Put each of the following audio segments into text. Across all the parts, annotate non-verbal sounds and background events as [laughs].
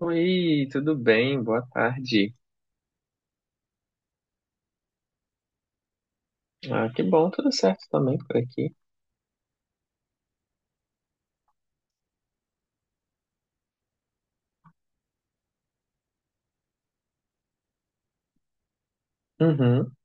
Oi, tudo bem? Boa tarde. Ah, que bom, tudo certo também por aqui. Uhum.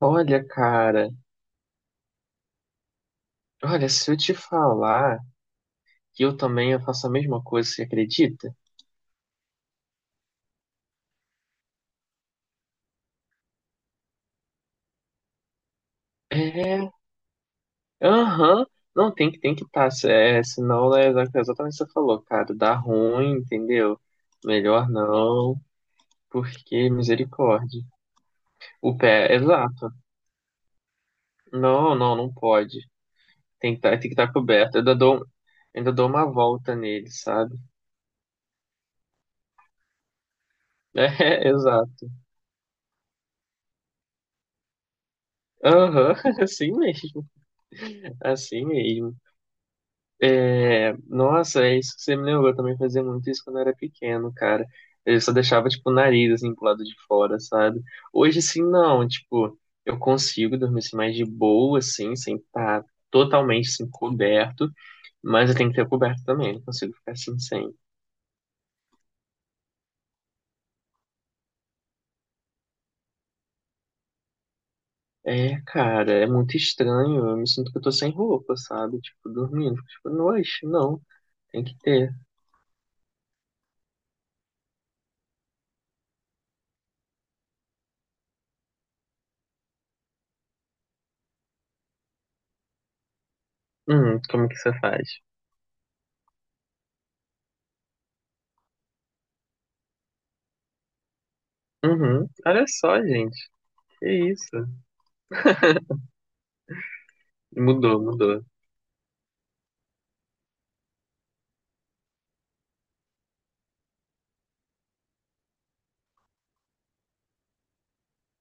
Olha, cara, olha, se eu te falar que eu também eu faço a mesma coisa, você acredita? É, aham. Não, tem que estar, é, senão é exatamente o que você falou, cara, dá ruim, entendeu? Melhor não, porque misericórdia. O pé, exato. Não, não, não pode. Tem que estar coberto. Ainda dou uma volta nele, sabe? [laughs] É, exato. Aham, [laughs] assim mesmo, assim mesmo. É, nossa, é isso que você me lembrou, eu também fazia muito isso quando eu era pequeno, cara. Eu só deixava, tipo, o nariz, assim, pro lado de fora, sabe? Hoje, assim não, tipo, eu consigo dormir, assim, mais de boa, assim, sem estar totalmente, assim, coberto, mas eu tenho que ter coberto também, não consigo ficar assim, sem. É, cara, é muito estranho, eu me sinto que eu tô sem roupa, sabe? Tipo, dormindo, fico, tipo, noite, não, tem que ter. Como que você faz? Uhum. Olha só, gente. Que isso? [laughs] Mudou, mudou.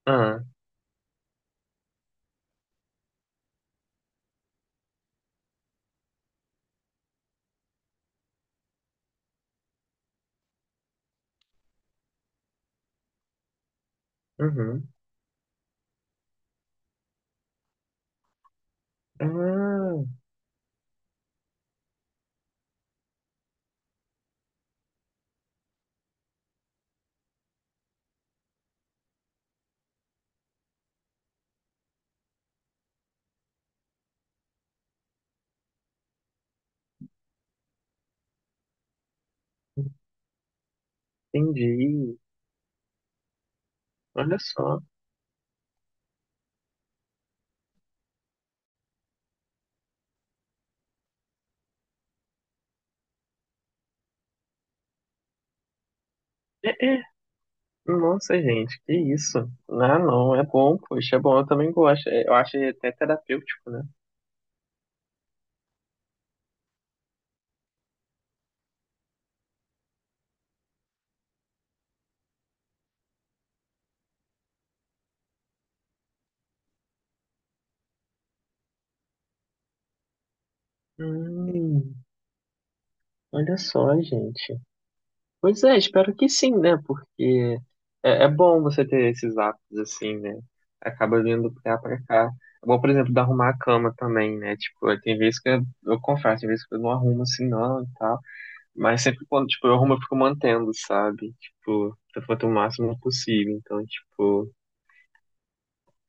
Ah, uhum. Ah, entendi. Olha só. É, é. Nossa, gente, que isso? Ah, não, é bom, poxa, é bom, eu também gosto. É, eu acho até terapêutico, né? Hum, olha só, gente. Pois é, espero que sim, né? Porque é, é bom você ter esses hábitos assim, né? Acaba vindo pra cá, pra cá. É bom, por exemplo, de arrumar a cama também, né? Tipo, tem vezes que eu confesso, tem vezes que eu não arrumo assim não e tal. Mas sempre quando, tipo, eu arrumo, eu fico mantendo, sabe? Tipo, eu quanto o máximo possível. Então, tipo,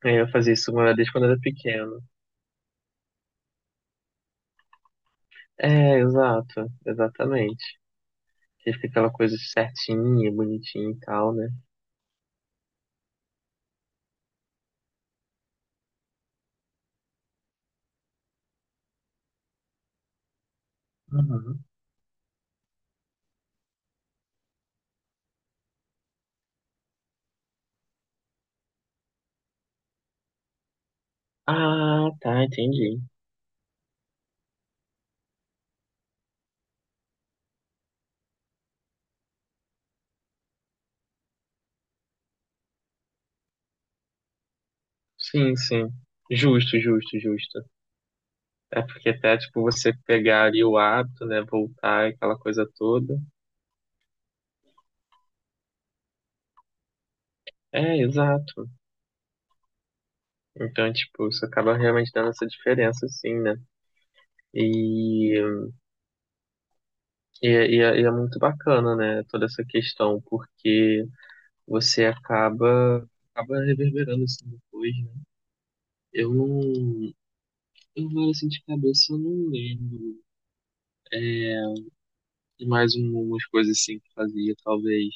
aí eu fazia isso desde quando eu era pequeno. É, exato, exatamente. Que fica aquela coisa certinha, bonitinha e tal, né? Uhum. Ah, tá, entendi. Sim, sim. Justo, justo, justo. É porque até, tipo, você pegar ali o hábito, né, voltar, aquela coisa toda. É, exato. Então, tipo, isso acaba realmente dando essa diferença, assim, né? E, e, é é muito bacana, né, toda essa questão, porque você acaba, acaba reverberando, assim, depois, né? Eu não... Eu, agora, assim, de cabeça, eu não lembro de mais umas coisas, assim, que fazia, talvez.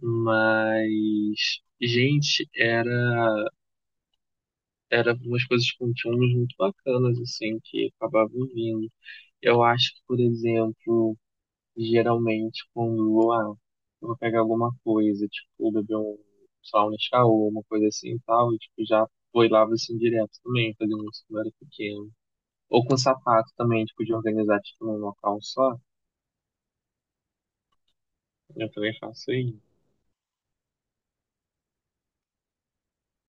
Mas, gente, era, era umas coisas com temas muito bacanas, assim, que acabavam vindo. Eu acho que, por exemplo, geralmente quando eu vou pegar alguma coisa, tipo, beber um, sei lá, um Nescau, ou uma coisa assim e tal, e tipo, já foi lá assim direto também, fazendo isso quando eu era pequeno. Ou com sapato também, tipo, de organizar tipo, num local só. Eu também faço isso.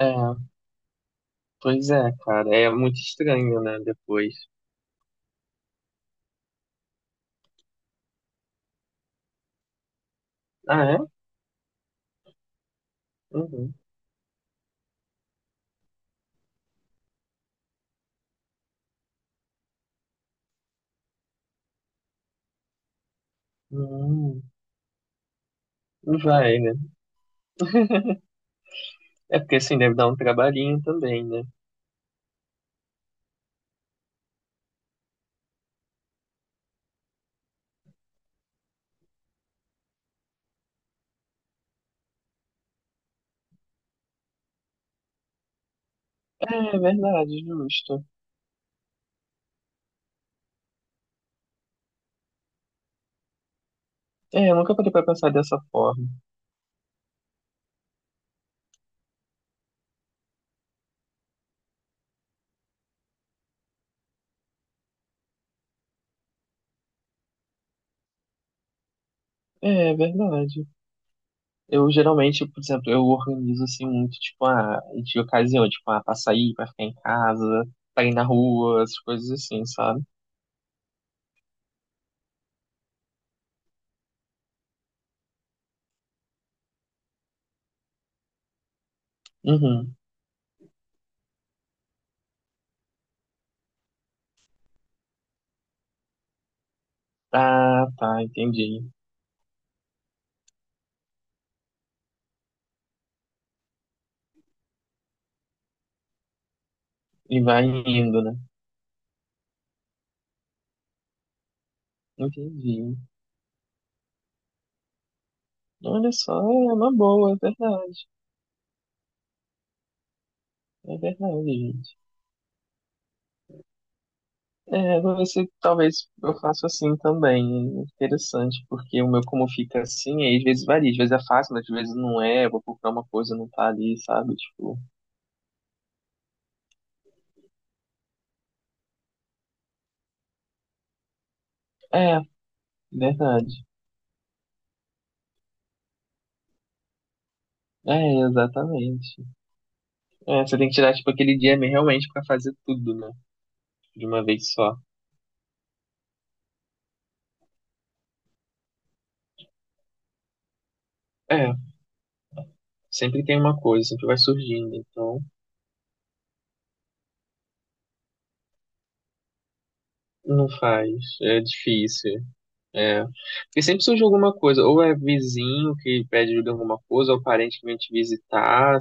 É, pois é, cara. É muito estranho, né, depois. Ah, é? Uhum. Hum, vai, né? É porque assim deve dar um trabalhinho também, né? É verdade, justo. É, eu nunca parei pra pensar dessa forma. É, é verdade. Eu geralmente, por exemplo, eu organizo assim muito, tipo, ah, de ocasião, tipo, ah, pra sair, pra ficar em casa, pra ir na rua, essas coisas assim, sabe? Uhum. Ah, tá, entendi. E vai indo, né? Entendi. Olha só, é uma boa, é verdade. É verdade, é, vou ver se talvez eu faça assim também. Interessante, porque o meu como fica assim, aí às vezes varia, às vezes é fácil, às vezes não é, eu vou procurar uma coisa, não tá ali, sabe? Tipo, é, verdade. É, exatamente. É, você tem que tirar, tipo, aquele dia mesmo realmente pra fazer tudo, né? De uma vez só. É, sempre tem uma coisa, sempre vai surgindo, então não faz, é difícil. É, porque sempre surge alguma coisa, ou é vizinho que pede ajuda em alguma coisa, ou parente que vem te visitar.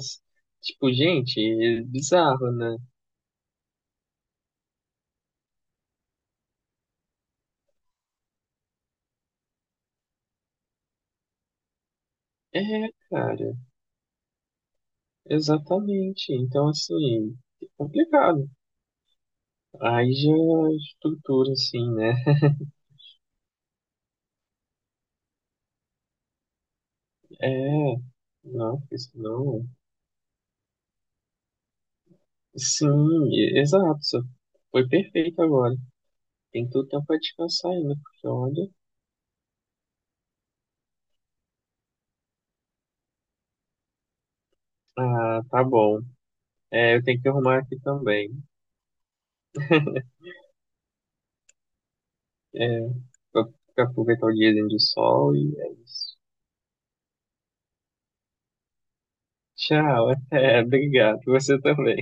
Tipo, gente, é bizarro, né? É, cara, exatamente. Então, assim, é complicado. Aí já estrutura, assim, né? É, não, porque senão. Sim, exato. Foi perfeito agora. Tem todo tempo pra descansar ainda, porque olha. Ah, tá bom. É, eu tenho que arrumar aqui também. É, pra, pra aproveitar o diazinho de sol e é isso. Tchau, até, [laughs] obrigado. Você também.